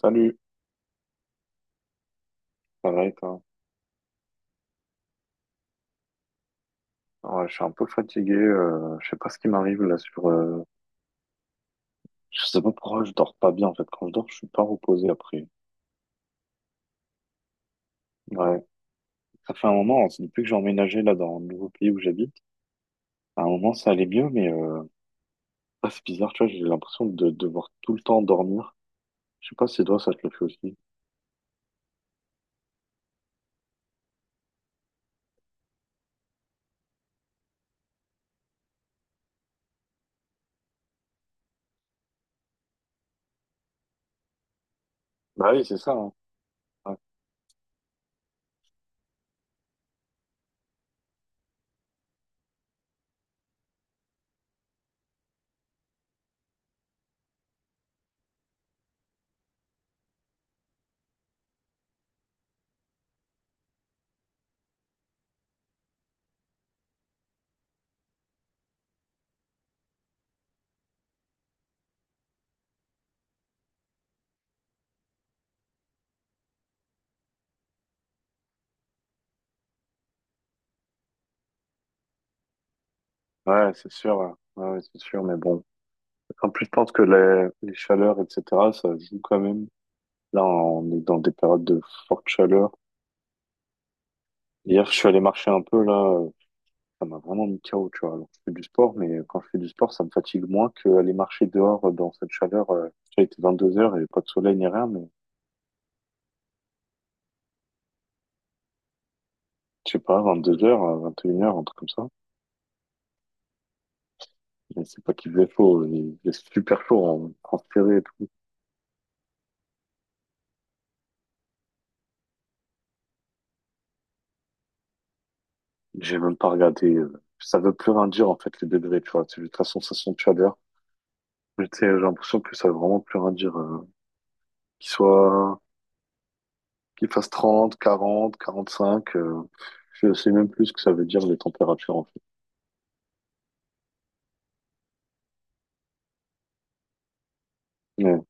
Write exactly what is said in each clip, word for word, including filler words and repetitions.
Salut, ça va et toi? Ouais, je suis un peu fatigué, euh, je sais pas ce qui m'arrive là sur... euh, Je sais pas pourquoi je dors pas bien en fait, quand je dors je suis pas reposé après. Ouais, ça fait un moment, hein, c'est depuis que j'ai emménagé là dans le nouveau pays où j'habite, à un moment ça allait mieux mais euh, ah, c'est bizarre, tu vois, j'ai l'impression de devoir tout le temps dormir. Je sais pas si toi ça te le fait aussi. Bah oui, c'est ça, hein. Ouais, ouais, c'est sûr, hein. Ouais, ouais, c'est sûr, mais bon. En plus, je pense que les, les chaleurs, et cætera, ça joue quand même. Là, on est dans des périodes de forte chaleur. Hier, je suis allé marcher un peu là, euh, ça m'a vraiment mis K O, tu vois. Alors, je fais du sport, mais quand je fais du sport, ça me fatigue moins qu'aller marcher dehors euh, dans cette chaleur. euh, Tu vois, il était vingt-deux heures et pas de soleil ni rien, mais je sais pas, vingt-deux heures, euh, vingt et une heures, un truc comme ça. Mais c'est pas qu'il faisait chaud, euh, il faisait super chaud, en transpirait et tout. J'ai même pas regardé, euh, ça veut plus rien dire en fait les degrés, tu vois. C'est juste la sensation de chaleur. Mais tu sais, j'ai l'impression que ça veut vraiment plus rien dire, euh, qu'il soit qu'il fasse trente, quarante, quarante-cinq. Euh, je sais même plus ce que ça veut dire les températures en fait. Ouais.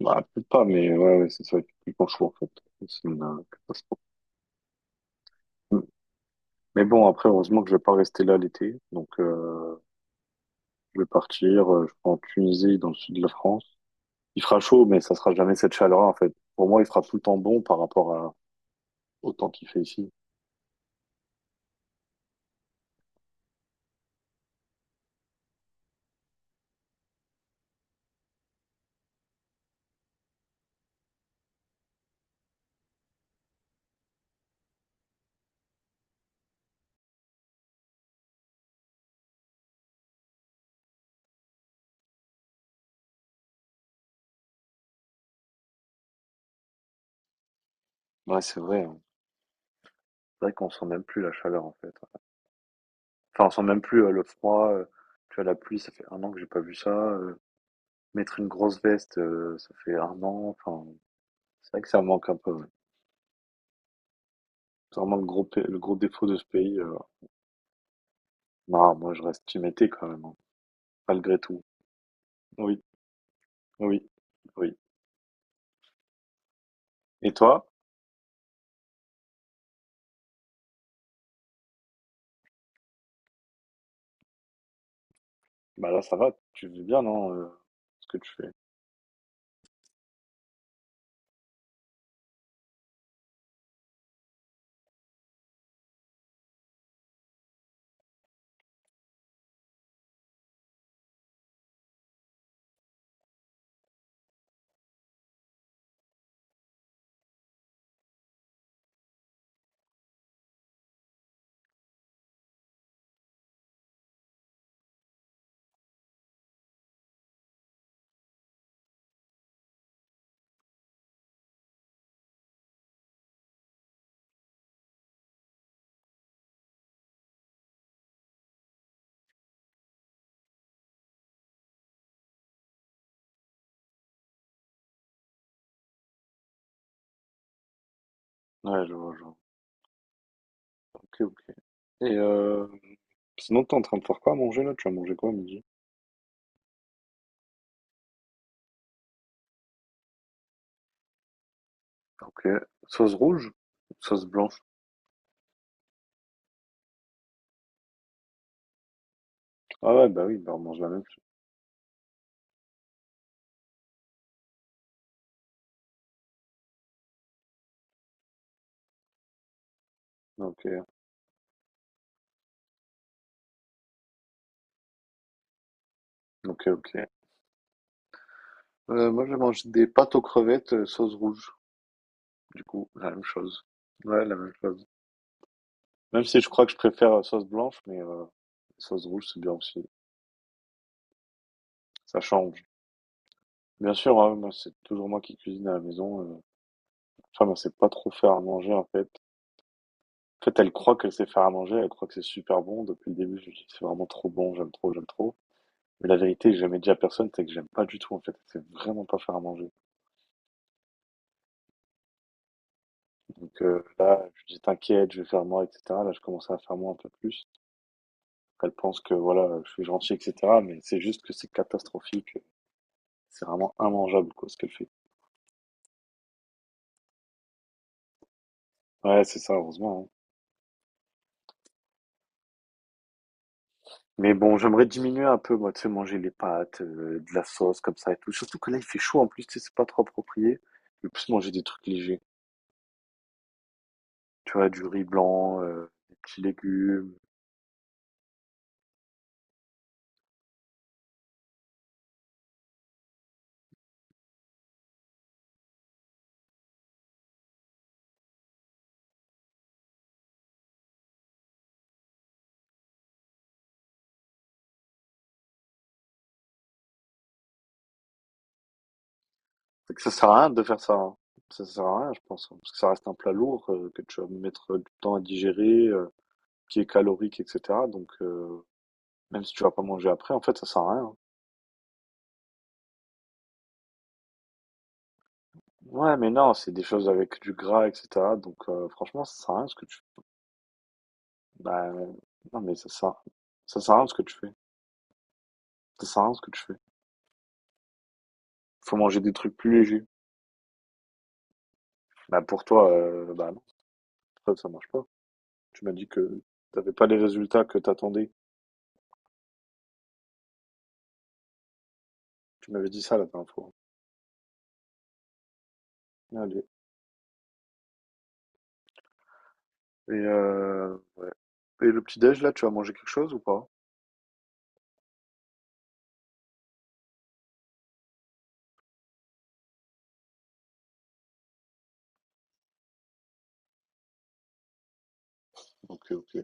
Bah, peut-être pas, mais ouais, ouais, c'est ça qui est chaud en fait. C'est une euh, catastrophe. Mm. Mais bon, après, heureusement que je vais pas rester là l'été. Donc, euh, je vais partir, euh, je vais en Tunisie, dans le sud de la France. Il fera chaud, mais ça sera jamais cette chaleur en fait. Pour moi, il fera tout le temps bon par rapport à, au temps qu'il fait ici. Ouais, c'est vrai, hein. C'est vrai qu'on sent même plus la chaleur en fait. Enfin, on sent même plus euh, le froid. Euh, tu vois, la pluie, ça fait un an que j'ai pas vu ça. Mettre une grosse veste, heu, ça fait un an, enfin, c'est vrai que ça manque un peu, ouais. C'est vraiment le gros p le gros défaut de ce pays, heu, non, moi je reste team été quand même, hein, malgré tout. Oui, oui, oui. Et toi? Bah, là, ça va, tu vis bien, non, heu, ce que tu fais? Ouais, je vois, je vois. OK, OK. Et heu, sinon, t'es en train de faire quoi à manger, là? Tu vas manger quoi à midi? OK. Sauce rouge? Sauce blanche? Ah ouais, bah oui, bah, on mange la même chose. OK, OK, OK. Heu, moi, je vais manger des pâtes aux crevettes, heu, sauce rouge. Du coup, la même chose. Ouais, la même chose. Même si je crois que je préfère la sauce blanche, mais euh, la sauce rouge, c'est bien aussi. Ça change. Bien sûr, hein, moi, c'est toujours moi qui cuisine à la maison. Euh. Enfin, elle sait pas trop faire à manger, en fait. En fait, elle croit qu'elle sait faire à manger, elle croit que c'est super bon. Depuis le début, je lui dis, c'est vraiment trop bon, j'aime trop, j'aime trop. Mais la vérité que j'ai jamais dit à personne, c'est que j'aime pas du tout, en fait. Elle sait vraiment pas faire à manger. Donc euh, là, je lui dis, t'inquiète, je vais faire moi, et cætera. Là, je commence à faire moi un peu plus. Elle pense que, voilà, je suis gentil, et cætera. Mais c'est juste que c'est catastrophique. C'est vraiment immangeable, quoi, ce qu'elle fait. Ouais, c'est ça, heureusement, hein. Mais bon, j'aimerais diminuer un peu, moi, tu sais, manger les pâtes, euh, de la sauce, comme ça et tout. Surtout que là, il fait chaud en plus, tu sais, c'est pas trop approprié. Je vais plus manger des trucs légers. Tu vois, du riz blanc, euh, des petits légumes. Fait que ça sert à rien de faire ça, hein. Ça sert à rien, je pense, hein. Parce que ça reste un plat lourd, euh, que tu vas mettre du temps à digérer, euh, qui est calorique, et cætera. Donc, euh, même si tu vas pas manger après, en fait, ça sert à rien, hein. Ouais, mais non, c'est des choses avec du gras, et cætera. Donc, euh, franchement, ça sert à rien ce que tu Bah, Non, mais ça sert, ça sert à rien ce que tu fais. Ça sert à rien ce que tu fais. Faut manger des trucs plus légers. Bah, pour toi, euh, bah non, ça, ça marche pas. Tu m'as dit que t'avais pas les résultats que t'attendais. Tu m'avais dit ça la dernière fois. Allez. Et, euh, et le petit-déj, là, tu vas manger quelque chose ou pas? Ok, ok.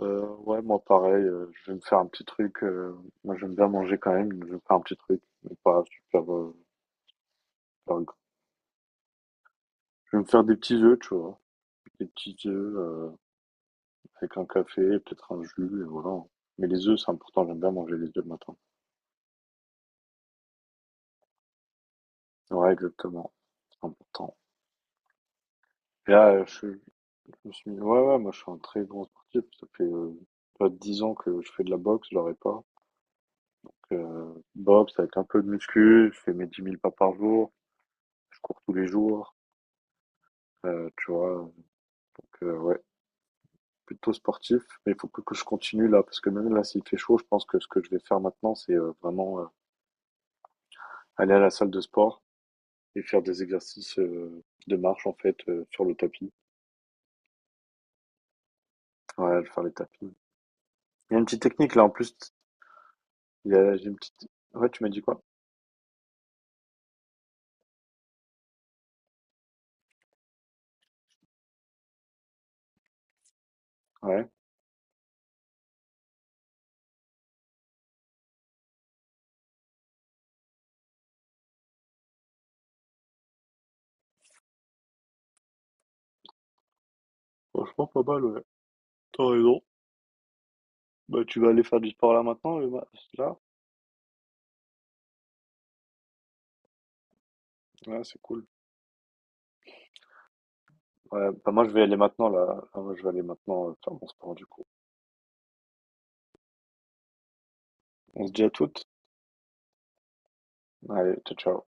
Euh, ouais, moi, pareil, euh, je vais me faire un petit truc. Euh, moi, j'aime bien manger quand même. Je vais me faire un petit truc. Mais pas super, euh, super gros. Je vais me faire des petits œufs, tu vois. Des petits œufs. euh, avec un café, peut-être un jus, et voilà. Mais les œufs, c'est important, j'aime bien manger les œufs le matin. Ouais, exactement, c'est important. Et là, euh, je, suis- je me suis mis, ouais, ouais, moi je suis un très grand sportif, ça fait euh, pas dix ans que je fais de la boxe, je l'aurais pas. Donc, Euh, boxe avec un peu de muscu, je fais mes dix mille pas par jour, je cours tous les jours, euh, tu vois. Donc, euh, ouais, plutôt sportif, mais il faut que, que je continue là, parce que même là, s'il fait chaud, je pense que ce que je vais faire maintenant, c'est euh, vraiment euh, aller à la salle de sport et faire des exercices euh, de marche en fait euh, sur le tapis. Ouais, faire les tapis. Il y a une petite technique là en plus. Il y a j'ai une petite. Ouais, tu m'as dit quoi? Ouais. Franchement, pas mal, ouais. T'as raison. Bah, tu vas aller faire du sport là maintenant, le ma- là? Ouais, c'est cool. Ouais, bah moi je vais aller maintenant là. Ah, moi je vais aller maintenant euh, faire mon sport du coup. On se dit à toutes. Allez, ciao, ciao.